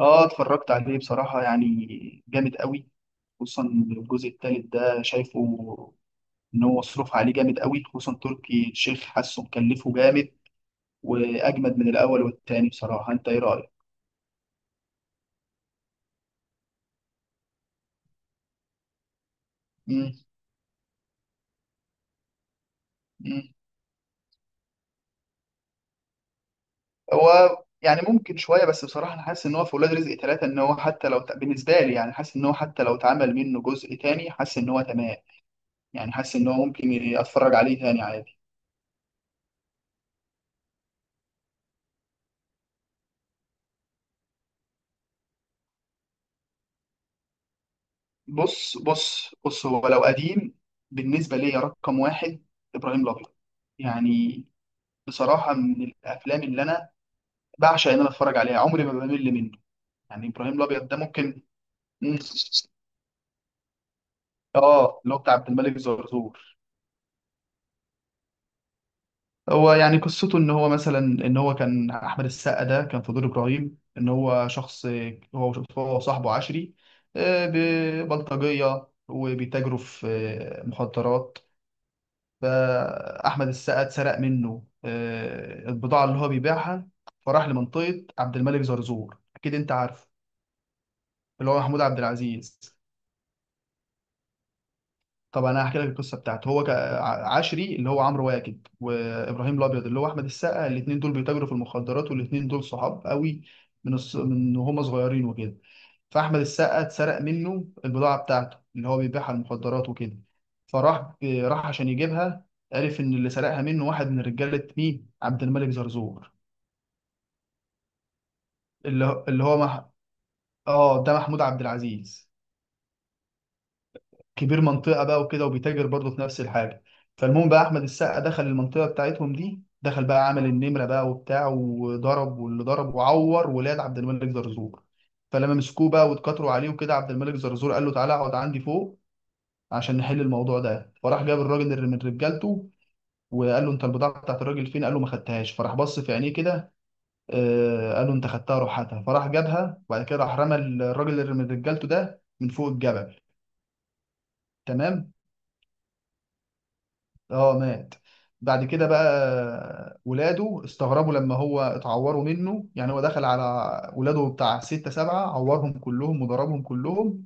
اه، اتفرجت عليه بصراحة يعني جامد قوي. خصوصا الجزء الثالث ده شايفه ان هو مصروف عليه جامد قوي، خصوصا تركي الشيخ حاسه مكلفه جامد، واجمد من الاول والتاني بصراحة. انت ايه رأيك؟ مم. مم. هو يعني ممكن شوية، بس بصراحة انا حاسس ان هو في ولاد رزق ثلاثة، ان هو حتى لو بالنسبة لي يعني حاسس ان هو حتى لو اتعمل منه جزء تاني حاسس ان هو تمام. يعني حاسس ان هو ممكن اتفرج عليه تاني عادي. بص بص بص، هو لو قديم بالنسبة لي رقم واحد إبراهيم الأبيض يعني. بصراحة من الأفلام اللي أنا بعشق إن أنا أتفرج عليها، عمري ما بمل منه. يعني إبراهيم الأبيض ده ممكن. مم. آه، اللي هو بتاع عبد الملك زرزور. هو يعني قصته إن هو مثلا إن هو كان أحمد السقا ده كان في دور إبراهيم، إن هو شخص هو صاحبه عشري، ببلطجية وبيتاجروا في مخدرات. فأحمد السقا اتسرق منه البضاعة اللي هو بيبيعها، فراح لمنطقة عبد الملك زرزور. أكيد أنت عارف، اللي هو محمود عبد العزيز. طبعا أنا هحكي لك القصة بتاعته. هو عشري اللي هو عمرو واكد، وإبراهيم الأبيض اللي هو أحمد السقا، الاتنين دول بيتاجروا في المخدرات، والاتنين دول صحاب قوي من وهم صغيرين وكده. فأحمد السقا اتسرق منه البضاعة بتاعته اللي هو بيبيعها، المخدرات وكده، فراح عشان يجيبها. عرف إن اللي سرقها منه واحد من رجالة مين؟ عبد الملك زرزور. اللي هو اللي هو مح... اه، ده محمود عبد العزيز، كبير منطقة بقى وكده، وبيتاجر برضه في نفس الحاجة. فالمهم بقى أحمد السقا دخل المنطقة بتاعتهم دي، دخل بقى عمل النمرة بقى وبتاع، وضرب واللي ضرب، وعور ولاد عبد الملك زرزور. فلما مسكوه بقى واتكتروا عليه وكده، عبد الملك زرزور قال له تعالى اقعد عندي فوق عشان نحل الموضوع ده. فراح جاب الراجل اللي من رجالته وقال له انت البضاعه بتاعت الراجل فين؟ قال له ما خدتهاش. فراح بص في عينيه كده، آه، قال له انت خدتها، روح هاتها. فراح جابها، وبعد كده راح رمى الراجل اللي من رجالته ده من فوق الجبل. تمام. اه، مات. بعد كده بقى ولاده استغربوا لما هو اتعوروا منه، يعني هو دخل على ولاده بتاع ستة سبعة، عورهم كلهم وضربهم كلهم.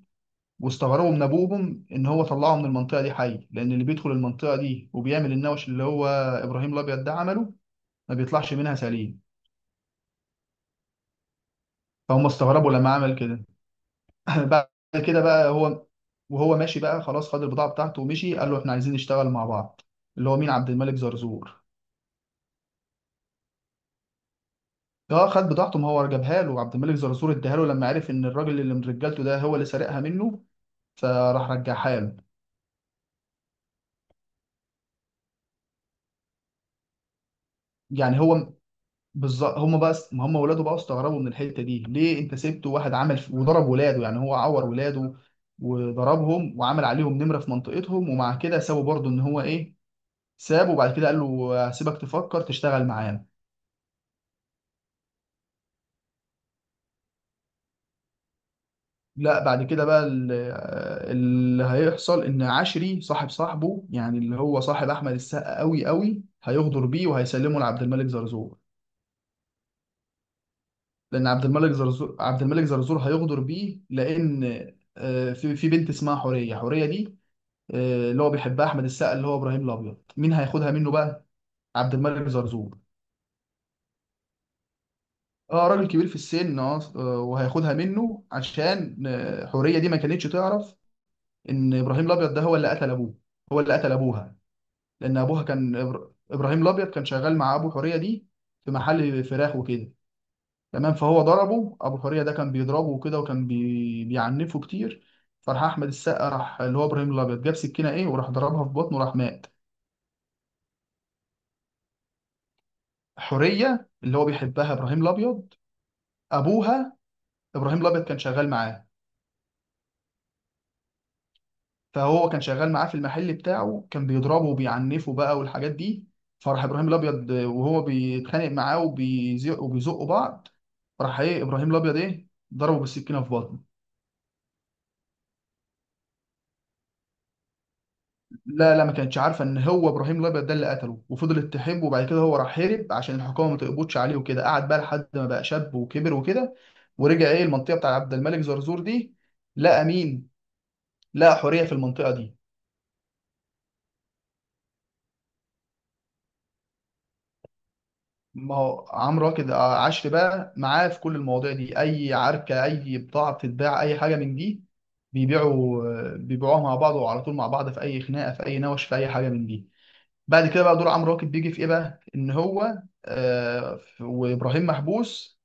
واستغربوا من ابوهم ان هو طلعه من المنطقه دي حي، لان اللي بيدخل المنطقه دي وبيعمل النوش اللي هو ابراهيم الابيض ده عمله، ما بيطلعش منها سليم. فهم استغربوا لما عمل كده. بعد كده بقى هو وهو ماشي بقى خلاص، خد البضاعه بتاعته ومشي، قال له احنا عايزين نشتغل مع بعض. اللي هو مين؟ عبد الملك زرزور. اه، خد بضاعته. ما هو جابها له عبد الملك زرزور، اداها له لما عرف ان الراجل اللي من رجالته ده هو اللي سرقها منه، فراح رجعها له. يعني هو بالظبط. هم بقى، ما هم ولاده بقى استغربوا من الحته دي، ليه انت سبت واحد عمل وضرب ولاده؟ يعني هو عور ولاده وضربهم، وعمل عليهم نمره في منطقتهم، ومع كده سابوا برضه. ان هو ايه، سابه وبعد كده قال له هسيبك تفكر تشتغل معانا. لا، بعد كده بقى اللي هيحصل ان عشري صاحب صاحبه، يعني اللي هو صاحب احمد السقا قوي قوي، هيغدر بيه وهيسلمه لعبد الملك زرزور، لان عبد الملك زرزور هيغدر بيه. لان آه، في بنت اسمها حوريه، حوريه دي اللي هو بيحبها احمد السقا اللي هو ابراهيم الابيض، مين هياخدها منه بقى؟ عبد الملك زرزور. اه، راجل كبير في السن، اه، وهياخدها منه عشان حوريه دي ما كانتش تعرف ان ابراهيم الابيض ده هو اللي قتل ابوه. هو اللي قتل ابوها. لان ابوها كان ابراهيم الابيض كان شغال مع ابو حوريه دي في محل فراخ وكده. تمام. فهو ضربه. ابو حوريه ده كان بيضربه وكده، وكان بيعنفه كتير. فراح احمد السقا، راح اللي هو ابراهيم الابيض، جاب سكينه ايه وراح ضربها في بطنه، وراح مات. حوريه اللي هو بيحبها ابراهيم الابيض، ابوها، ابراهيم الابيض كان شغال معاه. فهو كان شغال معاه في المحل بتاعه، كان بيضربه وبيعنفه بقى والحاجات دي. فراح ابراهيم الابيض وهو بيتخانق معاه وبيزق، وبيزقوا بعض، راح ايه ابراهيم الابيض ايه ضربه بالسكينه في بطنه. لا لا، ما كانتش عارفه ان هو ابراهيم الابيض ده اللي قتله، وفضلت تحبه. وبعد كده هو راح هرب عشان الحكومه ما تقبضش عليه وكده، قعد بقى لحد ما بقى شاب وكبر وكده، ورجع ايه المنطقه بتاع عبد الملك زرزور دي، لقى مين؟ لقى حوريه في المنطقه دي. ما هو عمرو واكد عشر بقى معاه في كل المواضيع دي، اي عركه، اي بضاعه بتتباع، اي حاجه من دي بيبيعوا، بيبيعوها مع بعض، وعلى طول مع بعض في اي خناقه في اي نوش في اي حاجه من دي. بعد كده بقى دور عمرو واكد بيجي في ايه بقى؟ ان هو آه، وابراهيم محبوس،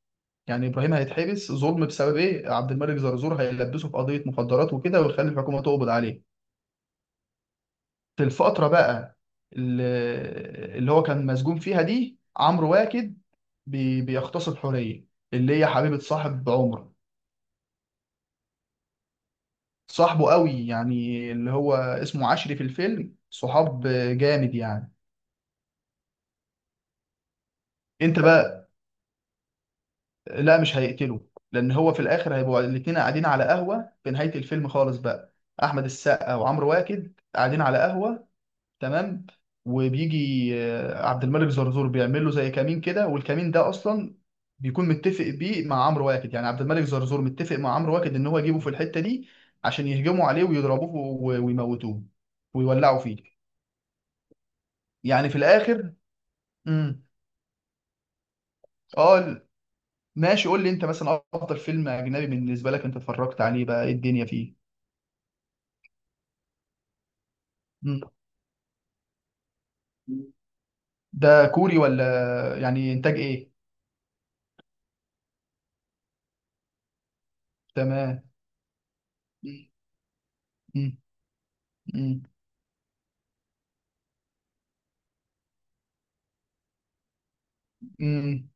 يعني ابراهيم هيتحبس ظلم بسبب ايه؟ عبد الملك زرزور هيلبسه في قضيه مخدرات وكده، ويخلي الحكومه تقبض عليه. في الفترة بقى ال- اللي هو كان مسجون فيها دي، عمرو واكد بيغتصب حورية، اللي هي حبيبة صاحب عمر. صاحبه قوي يعني، اللي هو اسمه عشري في الفيلم، صحاب جامد يعني. انت بقى، لا مش هيقتله، لان هو في الاخر هيبقوا الاتنين قاعدين على قهوة في نهاية الفيلم خالص بقى، احمد السقا وعمرو واكد قاعدين على قهوة. تمام. وبيجي آه، عبد الملك زرزور بيعمل له زي كمين كده، والكمين ده اصلا بيكون متفق بيه مع عمرو واكد، يعني عبد الملك زرزور متفق مع عمرو واكد ان هو يجيبه في الحته دي عشان يهجموا عليه ويضربوه ويموتوه ويولعوا فيه. يعني في الاخر. امم، اه ماشي، قول لي انت مثلا افضل فيلم اجنبي بالنسبه لك انت اتفرجت عليه بقى ايه الدنيا فيه. مم. ده كوري ولا يعني انتاج ايه؟ تمام. مم. مم. مم. مم.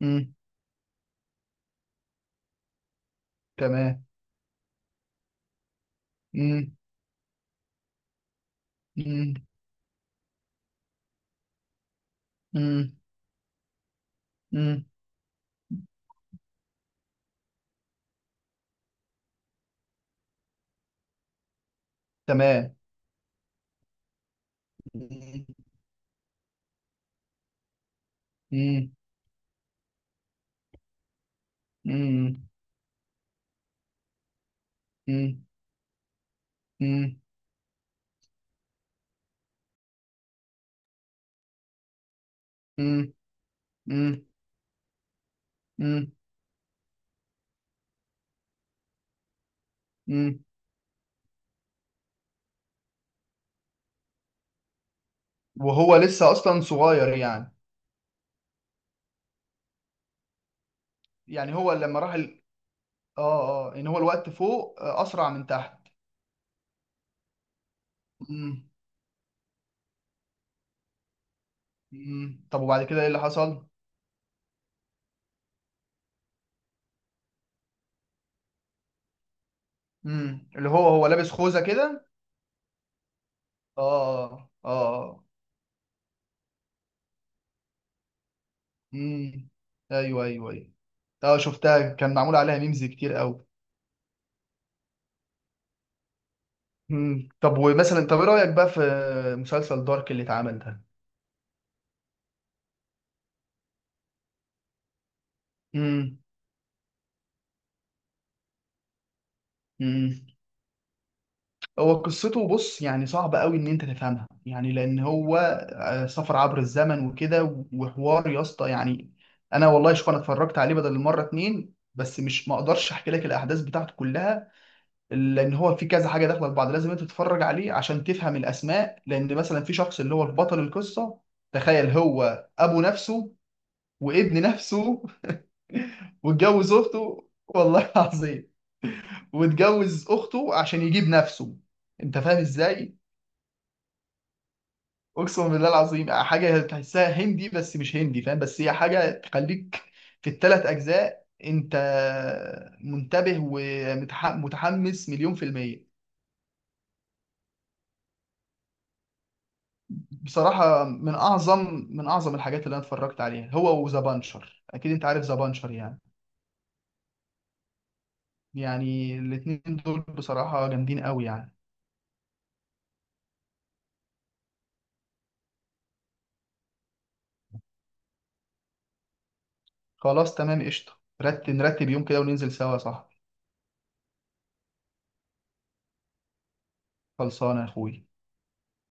مم. تمام. مم، مم، مم، مم. تمام. مم، مم، مم، مم، مم، مم، مم، مم. مم. وهو لسه اصلا صغير يعني؟ يعني هو لما راح ال... اه اه، ان هو الوقت فوق آه، اسرع من تحت. مم، مم. طب وبعد كده ايه اللي حصل؟ مم. اللي هو هو لابس خوذة كده. اه، اه، آه. مم. ايوه ايوه ايوه. اه، شفتها، كان معمول عليها ميمز كتير قوي. مم. طب ومثلا طب ايه رأيك بقى في مسلسل دارك اللي اتعمل ده؟ امم. امم. هو قصته بص يعني صعب قوي ان انت تفهمها، يعني لان هو آه، سفر عبر الزمن وكده، وحوار يا اسطى يعني. انا والله شوف، انا اتفرجت عليه بدل المره اتنين، بس مش ما اقدرش احكي لك الاحداث بتاعته كلها، لان هو في كذا حاجه داخله في بعض. لازم انت تتفرج عليه عشان تفهم الاسماء، لان مثلا في شخص اللي هو البطل القصه، تخيل هو ابو نفسه، وابن نفسه، واتجوز اخته والله العظيم، واتجوز اخته عشان يجيب نفسه. انت فاهم ازاي؟ اقسم بالله العظيم حاجه تحسها هندي بس مش هندي فاهم، بس هي حاجه تخليك في الثلاث اجزاء انت منتبه ومتحمس 1,000,000%. بصراحة من أعظم الحاجات اللي أنا اتفرجت عليها هو وذا بانشر. أكيد أنت عارف ذا بانشر يعني. يعني الاتنين دول بصراحة جامدين قوي يعني. خلاص تمام قشطة. نرتب يوم كده وننزل سوا صح. خلصانه يا اخوي.